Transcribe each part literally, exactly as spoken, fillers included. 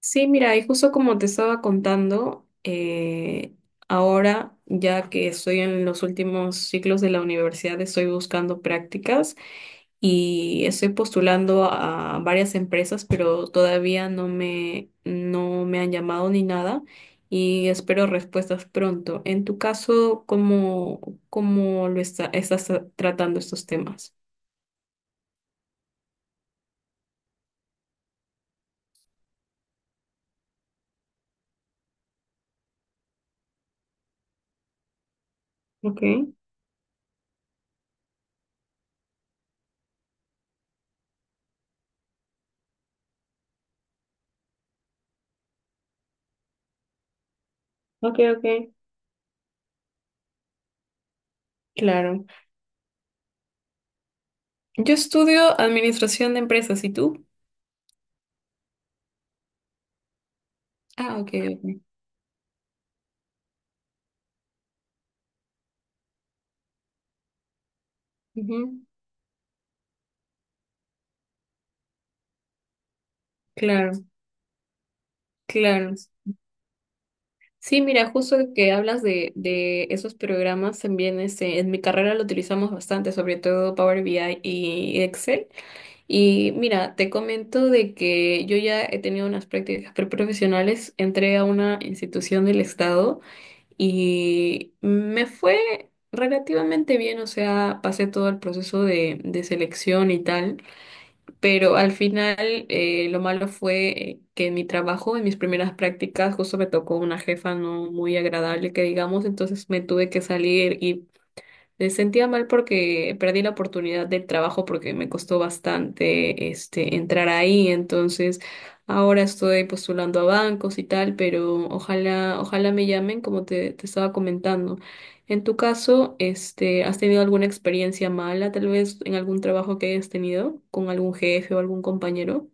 Sí, mira, y justo como te estaba contando, eh, ahora ya que estoy en los últimos ciclos de la universidad, estoy buscando prácticas y estoy postulando a varias empresas, pero todavía no me, no me han llamado ni nada y espero respuestas pronto. En tu caso, ¿cómo, cómo lo está- estás tratando estos temas? Ok, ok, ok. Claro. Yo estudio administración de empresas, ¿y tú? Ah, ok, ok. Ujú. Claro, claro. Sí, mira, justo que hablas de, de esos programas, también este, en mi carrera lo utilizamos bastante, sobre todo Power B I y Excel. Y mira, te comento de que yo ya he tenido unas prácticas preprofesionales, entré a una institución del Estado y me fue relativamente bien, o sea, pasé todo el proceso de, de selección y tal. Pero al final eh, lo malo fue eh, que en mi trabajo, en mis primeras prácticas, justo me tocó una jefa no muy agradable, que digamos, entonces me tuve que salir y me sentía mal porque perdí la oportunidad del trabajo porque me costó bastante este entrar ahí, entonces ahora estoy postulando a bancos y tal, pero ojalá, ojalá me llamen como te, te estaba comentando. En tu caso, este, ¿has tenido alguna experiencia mala, tal vez en algún trabajo que hayas tenido con algún jefe o algún compañero?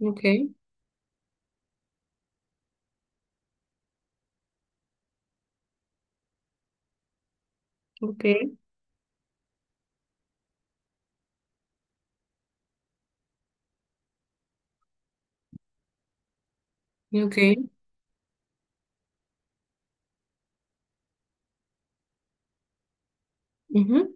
Ok, ok, ok, ujú,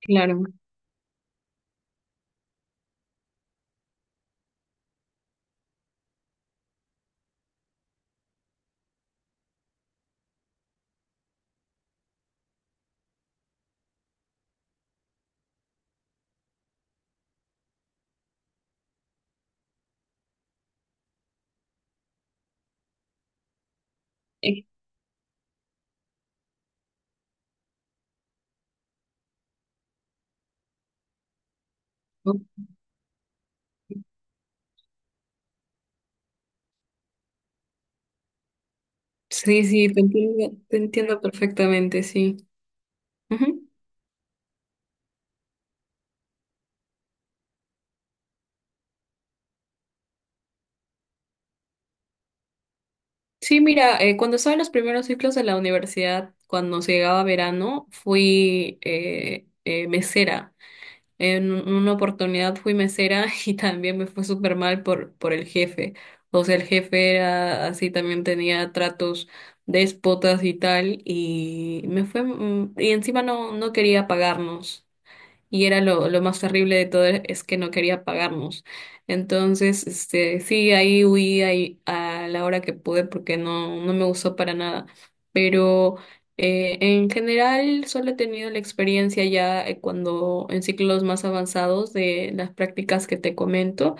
claro. Eh, Sí, sí, te entiendo, te entiendo perfectamente, sí. Ujú. Sí, mira, eh, cuando estaba en los primeros ciclos de la universidad, cuando se llegaba verano, fui eh, eh, mesera. En un- una oportunidad fui mesera y también me fue súper mal por, por el jefe. O sea, el jefe era así, también tenía tratos déspotas y tal, y me fue, mm, y encima no, no quería pagarnos. Y era lo, lo más terrible de todo es que no quería pagarnos. Entonces, este, sí, ahí huí ahí a la hora que pude porque no, no me gustó para nada. Pero eh, en general solo he tenido la experiencia ya eh, cuando en ciclos más avanzados de las prácticas que te comento.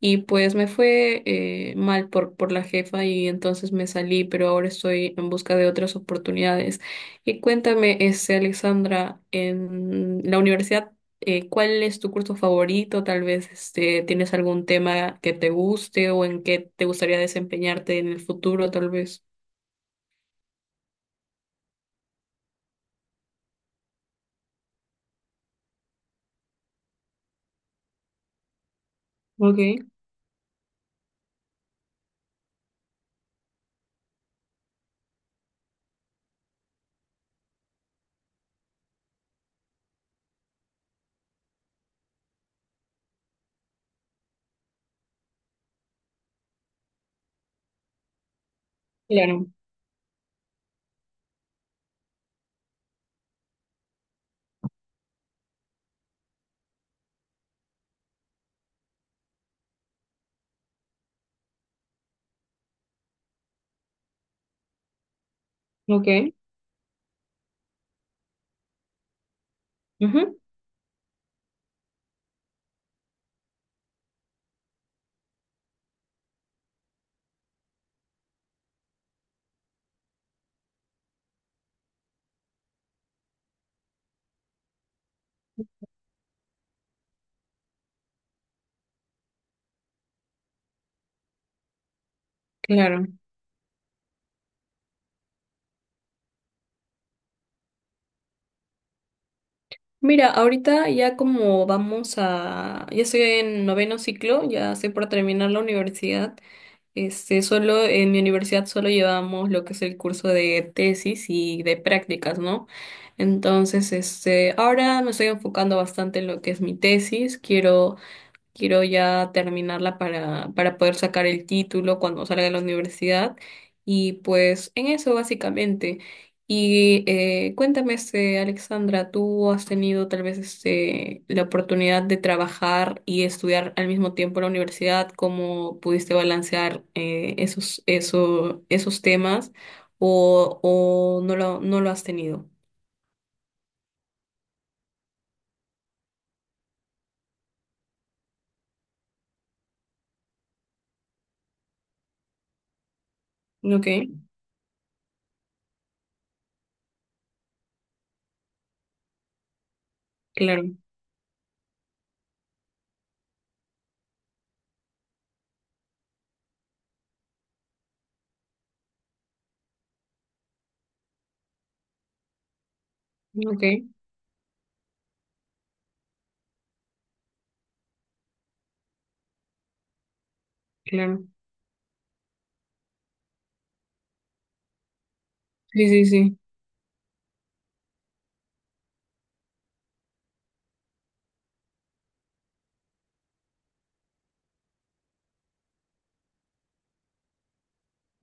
Y pues me fue eh, mal por, por la jefa y entonces me salí, pero ahora estoy en busca de otras oportunidades. Y cuéntame, este, Alexandra, en la universidad, eh, ¿cuál es tu curso favorito? Tal vez este, tienes algún tema que te guste o en qué te gustaría desempeñarte en el futuro, tal vez. Ok, claro, ok. Ujú, claro. Mira, ahorita ya como vamos a, ya estoy en noveno ciclo, ya estoy por terminar la universidad. Este, solo en mi universidad solo llevamos lo que es el curso de tesis y de prácticas, ¿no? Entonces, este, ahora me estoy enfocando bastante en lo que es mi tesis. Quiero Quiero ya terminarla para, para poder sacar el título cuando salga de la universidad. Y pues en eso básicamente. Y eh, cuéntame, este, Alexandra, ¿tú has tenido tal vez este, la oportunidad de trabajar y estudiar al mismo tiempo en la universidad? ¿Cómo pudiste balancear eh, esos, eso, esos temas? ¿O, o no lo, no lo has tenido? Ok, claro. Ok, claro. Sí, sí, sí.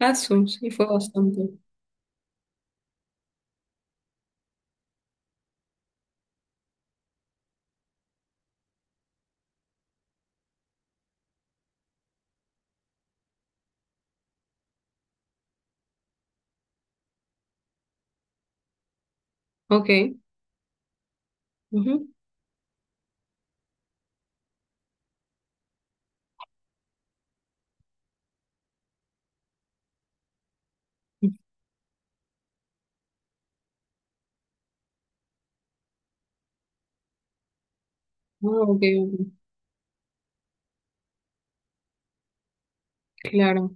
Ah, su- sí, fue bastante. Ok. Ujú. Ah, ok, ok. Claro,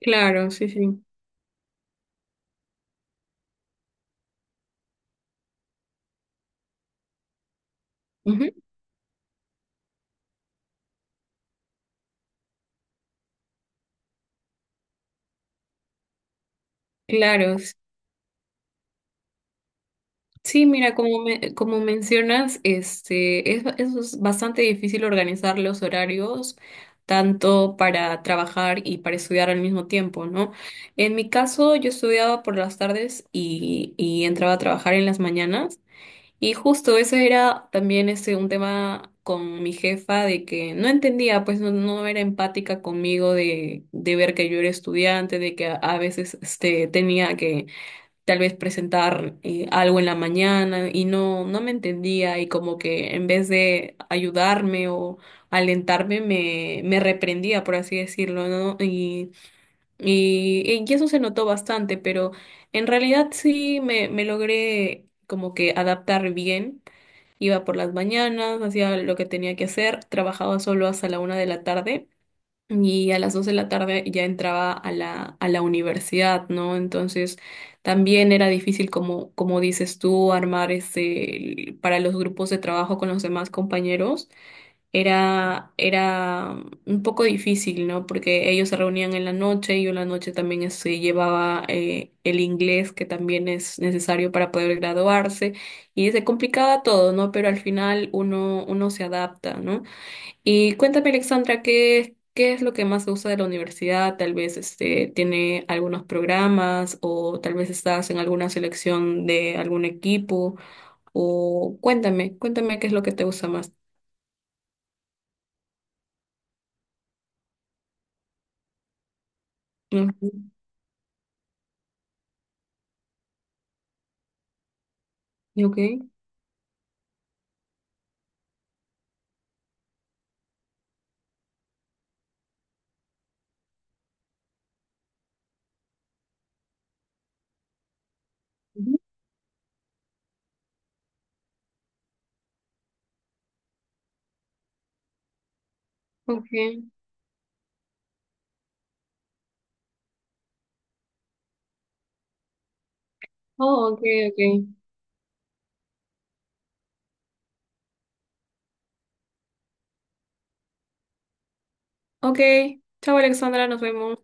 claro, sí, sí. Ujú, claro. s- Sí, mira, como me- como mencionas, este, es, ba- es bas- bastante difícil organizar los horarios, tanto para trabajar y para estudiar al mismo tiempo, ¿no? En mi caso, yo estudiaba por las tardes y, y entraba a trabajar en las mañanas. Y justo eso era también este, un tema con mi jefa de que no entendía, pues no, no era empática conmigo de, de ver que yo era estudiante, de que a, a veces este, tenía que tal vez presentar eh, algo en la mañana y no, no me entendía y como que en vez de ayudarme o alentarme me, me reprendía, por así decirlo, ¿no? Y, y, y eso se notó bastante, pero en realidad sí me, me logré como que adaptar bien. Iba por las mañanas, hacía lo que tenía que hacer, trabajaba solo hasta la una de la tarde y a las dos de la tarde ya entraba a la, a la universidad, ¿no? Entonces también era difícil, como, como dices tú, armar este, el- para los grupos de trabajo con los demás compañeros era, era un poco difícil, ¿no? Porque ellos se reunían en la noche y yo en la noche también es- se llevaba eh, el inglés que también es necesario para poder graduarse y se complicaba todo, ¿no? Pero al final uno, uno se adapta, ¿no? Y cuéntame, Alexandra, ¿qué, qué es lo que más te gusta de la universidad? Tal vez este, tiene algunos programas o tal vez estás en alguna selección de algún equipo o cuéntame, cuéntame qué es lo que te gusta más. Ujú, ok. Ujú. Ok. Oh, ok, ok. Ok. Chao, Alexandra, nos vemos.